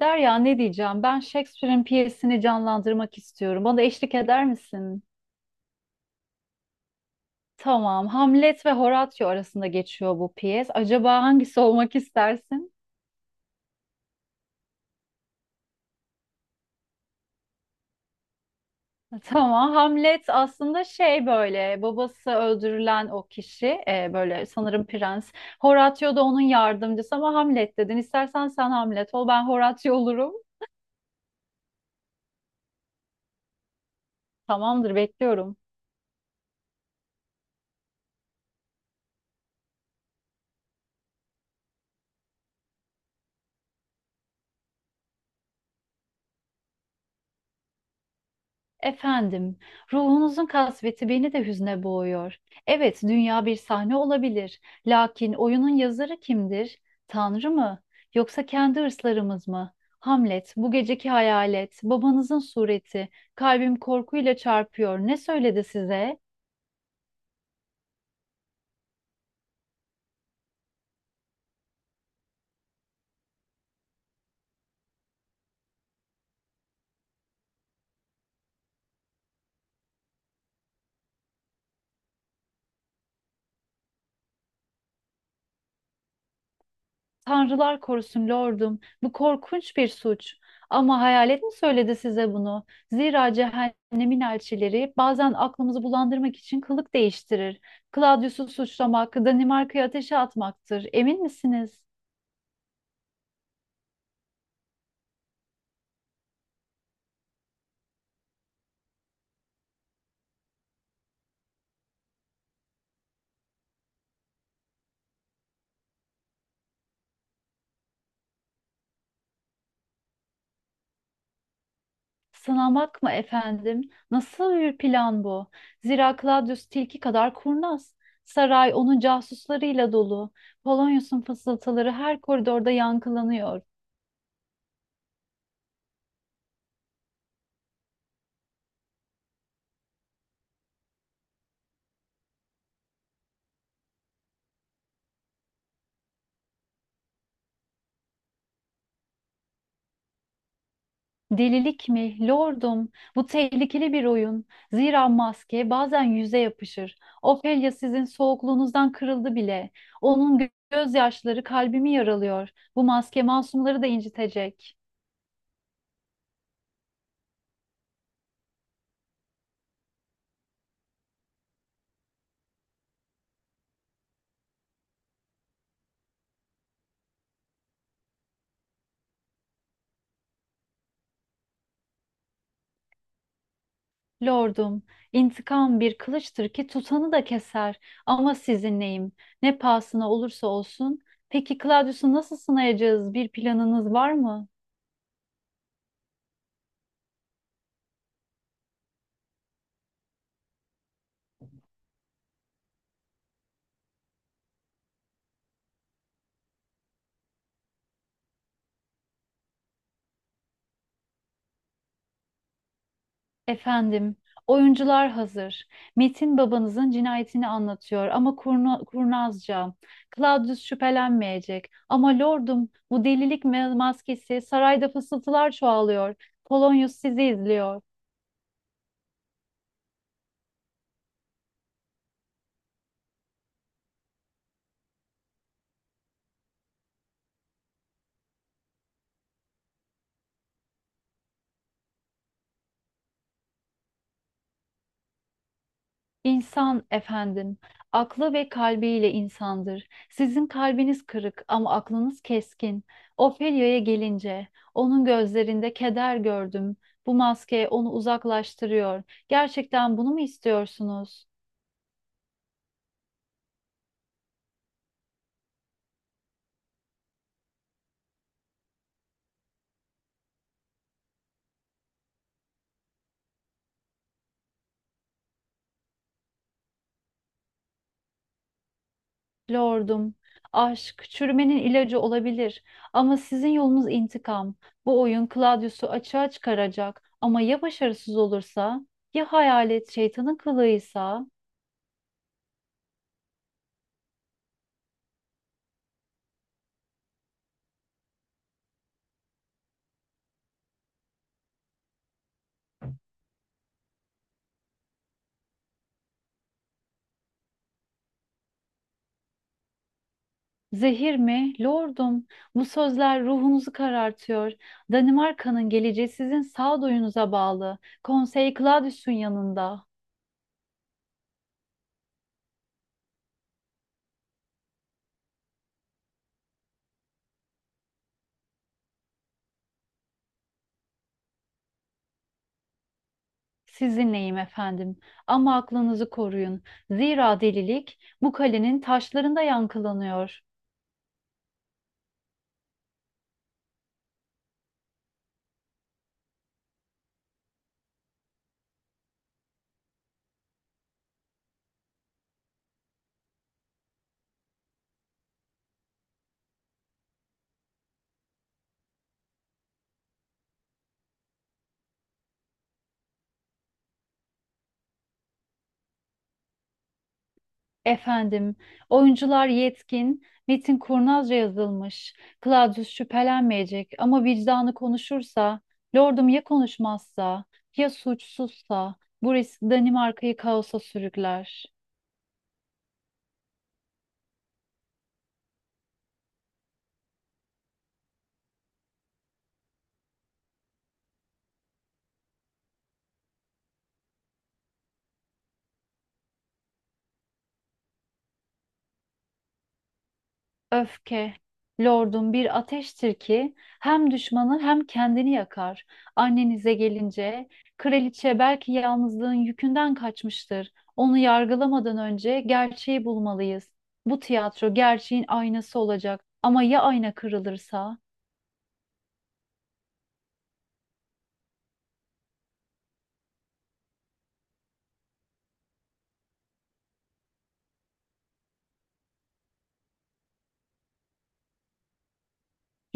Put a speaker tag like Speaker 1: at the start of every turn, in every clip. Speaker 1: Derya ne diyeceğim? Ben Shakespeare'in piyesini canlandırmak istiyorum. Bana eşlik eder misin? Tamam. Hamlet ve Horatio arasında geçiyor bu piyes. Acaba hangisi olmak istersin? Tamam. Hamlet aslında şey böyle babası öldürülen o kişi böyle sanırım prens. Horatio da onun yardımcısı ama Hamlet dedin. İstersen sen Hamlet ol ben Horatio olurum. Tamamdır bekliyorum. Efendim, ruhunuzun kasveti beni de hüzne boğuyor. Evet, dünya bir sahne olabilir. Lakin oyunun yazarı kimdir? Tanrı mı? Yoksa kendi hırslarımız mı? Hamlet, bu geceki hayalet, babanızın sureti, kalbim korkuyla çarpıyor. Ne söyledi size? Tanrılar korusun lordum, bu korkunç bir suç. Ama hayalet mi söyledi size bunu? Zira cehennemin elçileri bazen aklımızı bulandırmak için kılık değiştirir. Claudius'u suçlamak, Danimarka'yı ateşe atmaktır. Emin misiniz? Sınamak mı efendim? Nasıl bir plan bu? Zira Claudius tilki kadar kurnaz. Saray onun casuslarıyla dolu. Polonius'un fısıltıları her koridorda yankılanıyor. Delilik mi? Lordum, bu tehlikeli bir oyun. Zira maske bazen yüze yapışır. Ofelia sizin soğukluğunuzdan kırıldı bile. Onun gözyaşları kalbimi yaralıyor. Bu maske masumları da incitecek. Lordum, intikam bir kılıçtır ki tutanı da keser. Ama sizinleyim. Ne pahasına olursa olsun. Peki Claudius'u nasıl sınayacağız? Bir planınız var mı? Efendim, oyuncular hazır. Metin babanızın cinayetini anlatıyor ama kurnazca. Claudius şüphelenmeyecek. Ama lordum, bu delilik maskesi sarayda fısıltılar çoğalıyor. Polonius sizi izliyor. İnsan efendim, aklı ve kalbiyle insandır. Sizin kalbiniz kırık ama aklınız keskin. Ofelia'ya gelince, onun gözlerinde keder gördüm. Bu maske onu uzaklaştırıyor. Gerçekten bunu mu istiyorsunuz? Lordum, aşk çürümenin ilacı olabilir ama sizin yolunuz intikam. Bu oyun Claudius'u açığa çıkaracak ama ya başarısız olursa? Ya hayalet şeytanın kılığıysa? Zehir mi? Lordum, bu sözler ruhunuzu karartıyor. Danimarka'nın geleceği sizin sağduyunuza bağlı. Konsey Claudius'un yanında. Sizinleyim efendim ama aklınızı koruyun. Zira delilik bu kalenin taşlarında yankılanıyor. Efendim, oyuncular yetkin, metin kurnazca yazılmış. Claudius şüphelenmeyecek ama vicdanı konuşursa, lordum ya konuşmazsa, ya suçsuzsa, bu risk Danimarka'yı kaosa sürükler. Öfke, lordum bir ateştir ki hem düşmanı hem kendini yakar. Annenize gelince, kraliçe belki yalnızlığın yükünden kaçmıştır. Onu yargılamadan önce gerçeği bulmalıyız. Bu tiyatro gerçeğin aynası olacak. Ama ya ayna kırılırsa?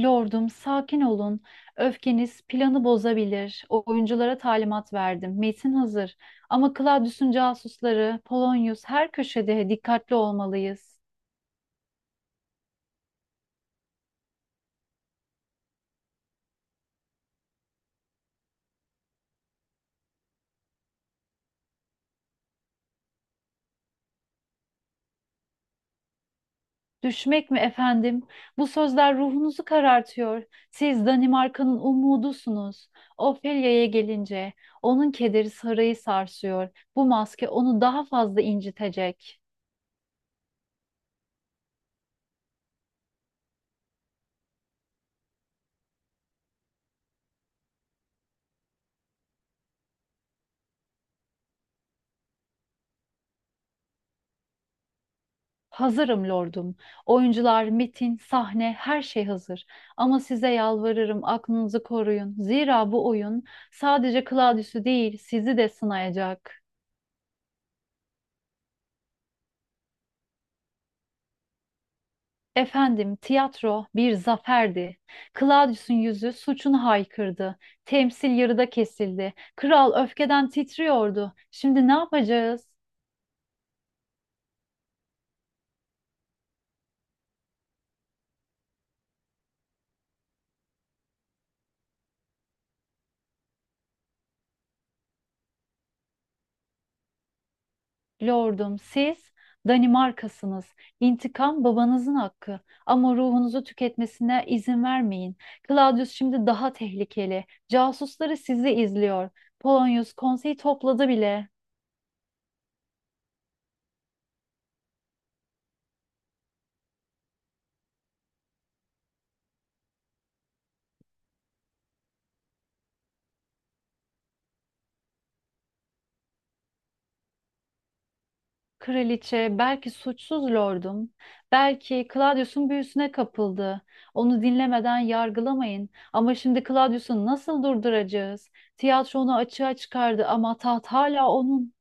Speaker 1: Lordum, sakin olun. Öfkeniz planı bozabilir. Oyunculara talimat verdim. Metin hazır. Ama Claudius'un casusları, Polonius her köşede dikkatli olmalıyız. Düşmek mi efendim? Bu sözler ruhunuzu karartıyor. Siz Danimarka'nın umudusunuz. Ophelia'ya gelince onun kederi sarayı sarsıyor. Bu maske onu daha fazla incitecek. Hazırım lordum. Oyuncular, metin, sahne, her şey hazır. Ama size yalvarırım aklınızı koruyun. Zira bu oyun sadece Claudius'u değil, sizi de sınayacak. Efendim, tiyatro bir zaferdi. Claudius'un yüzü suçunu haykırdı. Temsil yarıda kesildi. Kral öfkeden titriyordu. Şimdi ne yapacağız? Lordum, siz Danimarkasınız. İntikam babanızın hakkı. Ama ruhunuzu tüketmesine izin vermeyin. Claudius şimdi daha tehlikeli. Casusları sizi izliyor. Polonius konseyi topladı bile. Kraliçe, belki suçsuz lordum, belki Claudius'un büyüsüne kapıldı. Onu dinlemeden yargılamayın. Ama şimdi Claudius'u nasıl durduracağız? Tiyatro onu açığa çıkardı ama taht hala onun.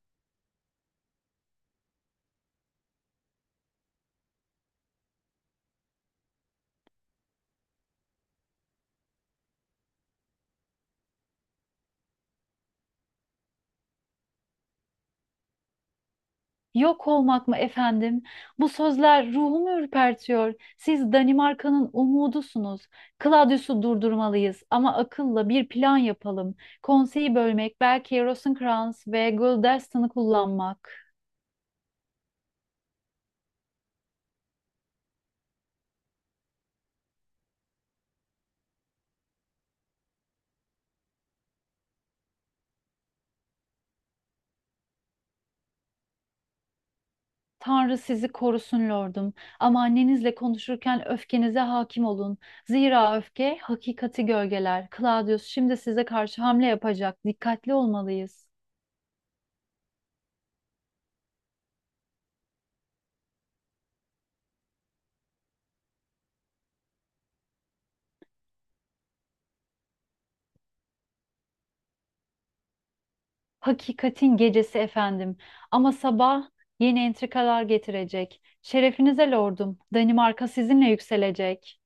Speaker 1: Yok olmak mı efendim? Bu sözler ruhumu ürpertiyor. Siz Danimarka'nın umudusunuz. Claudius'u durdurmalıyız ama akılla bir plan yapalım. Konseyi bölmek, belki Rosencrantz ve Guildenstern'ı kullanmak. Tanrı sizi korusun lordum. Ama annenizle konuşurken öfkenize hakim olun. Zira öfke hakikati gölgeler. Claudius şimdi size karşı hamle yapacak. Dikkatli olmalıyız. Hakikatin gecesi efendim. Ama sabah yeni entrikalar getirecek. Şerefinize lordum. Danimarka sizinle yükselecek.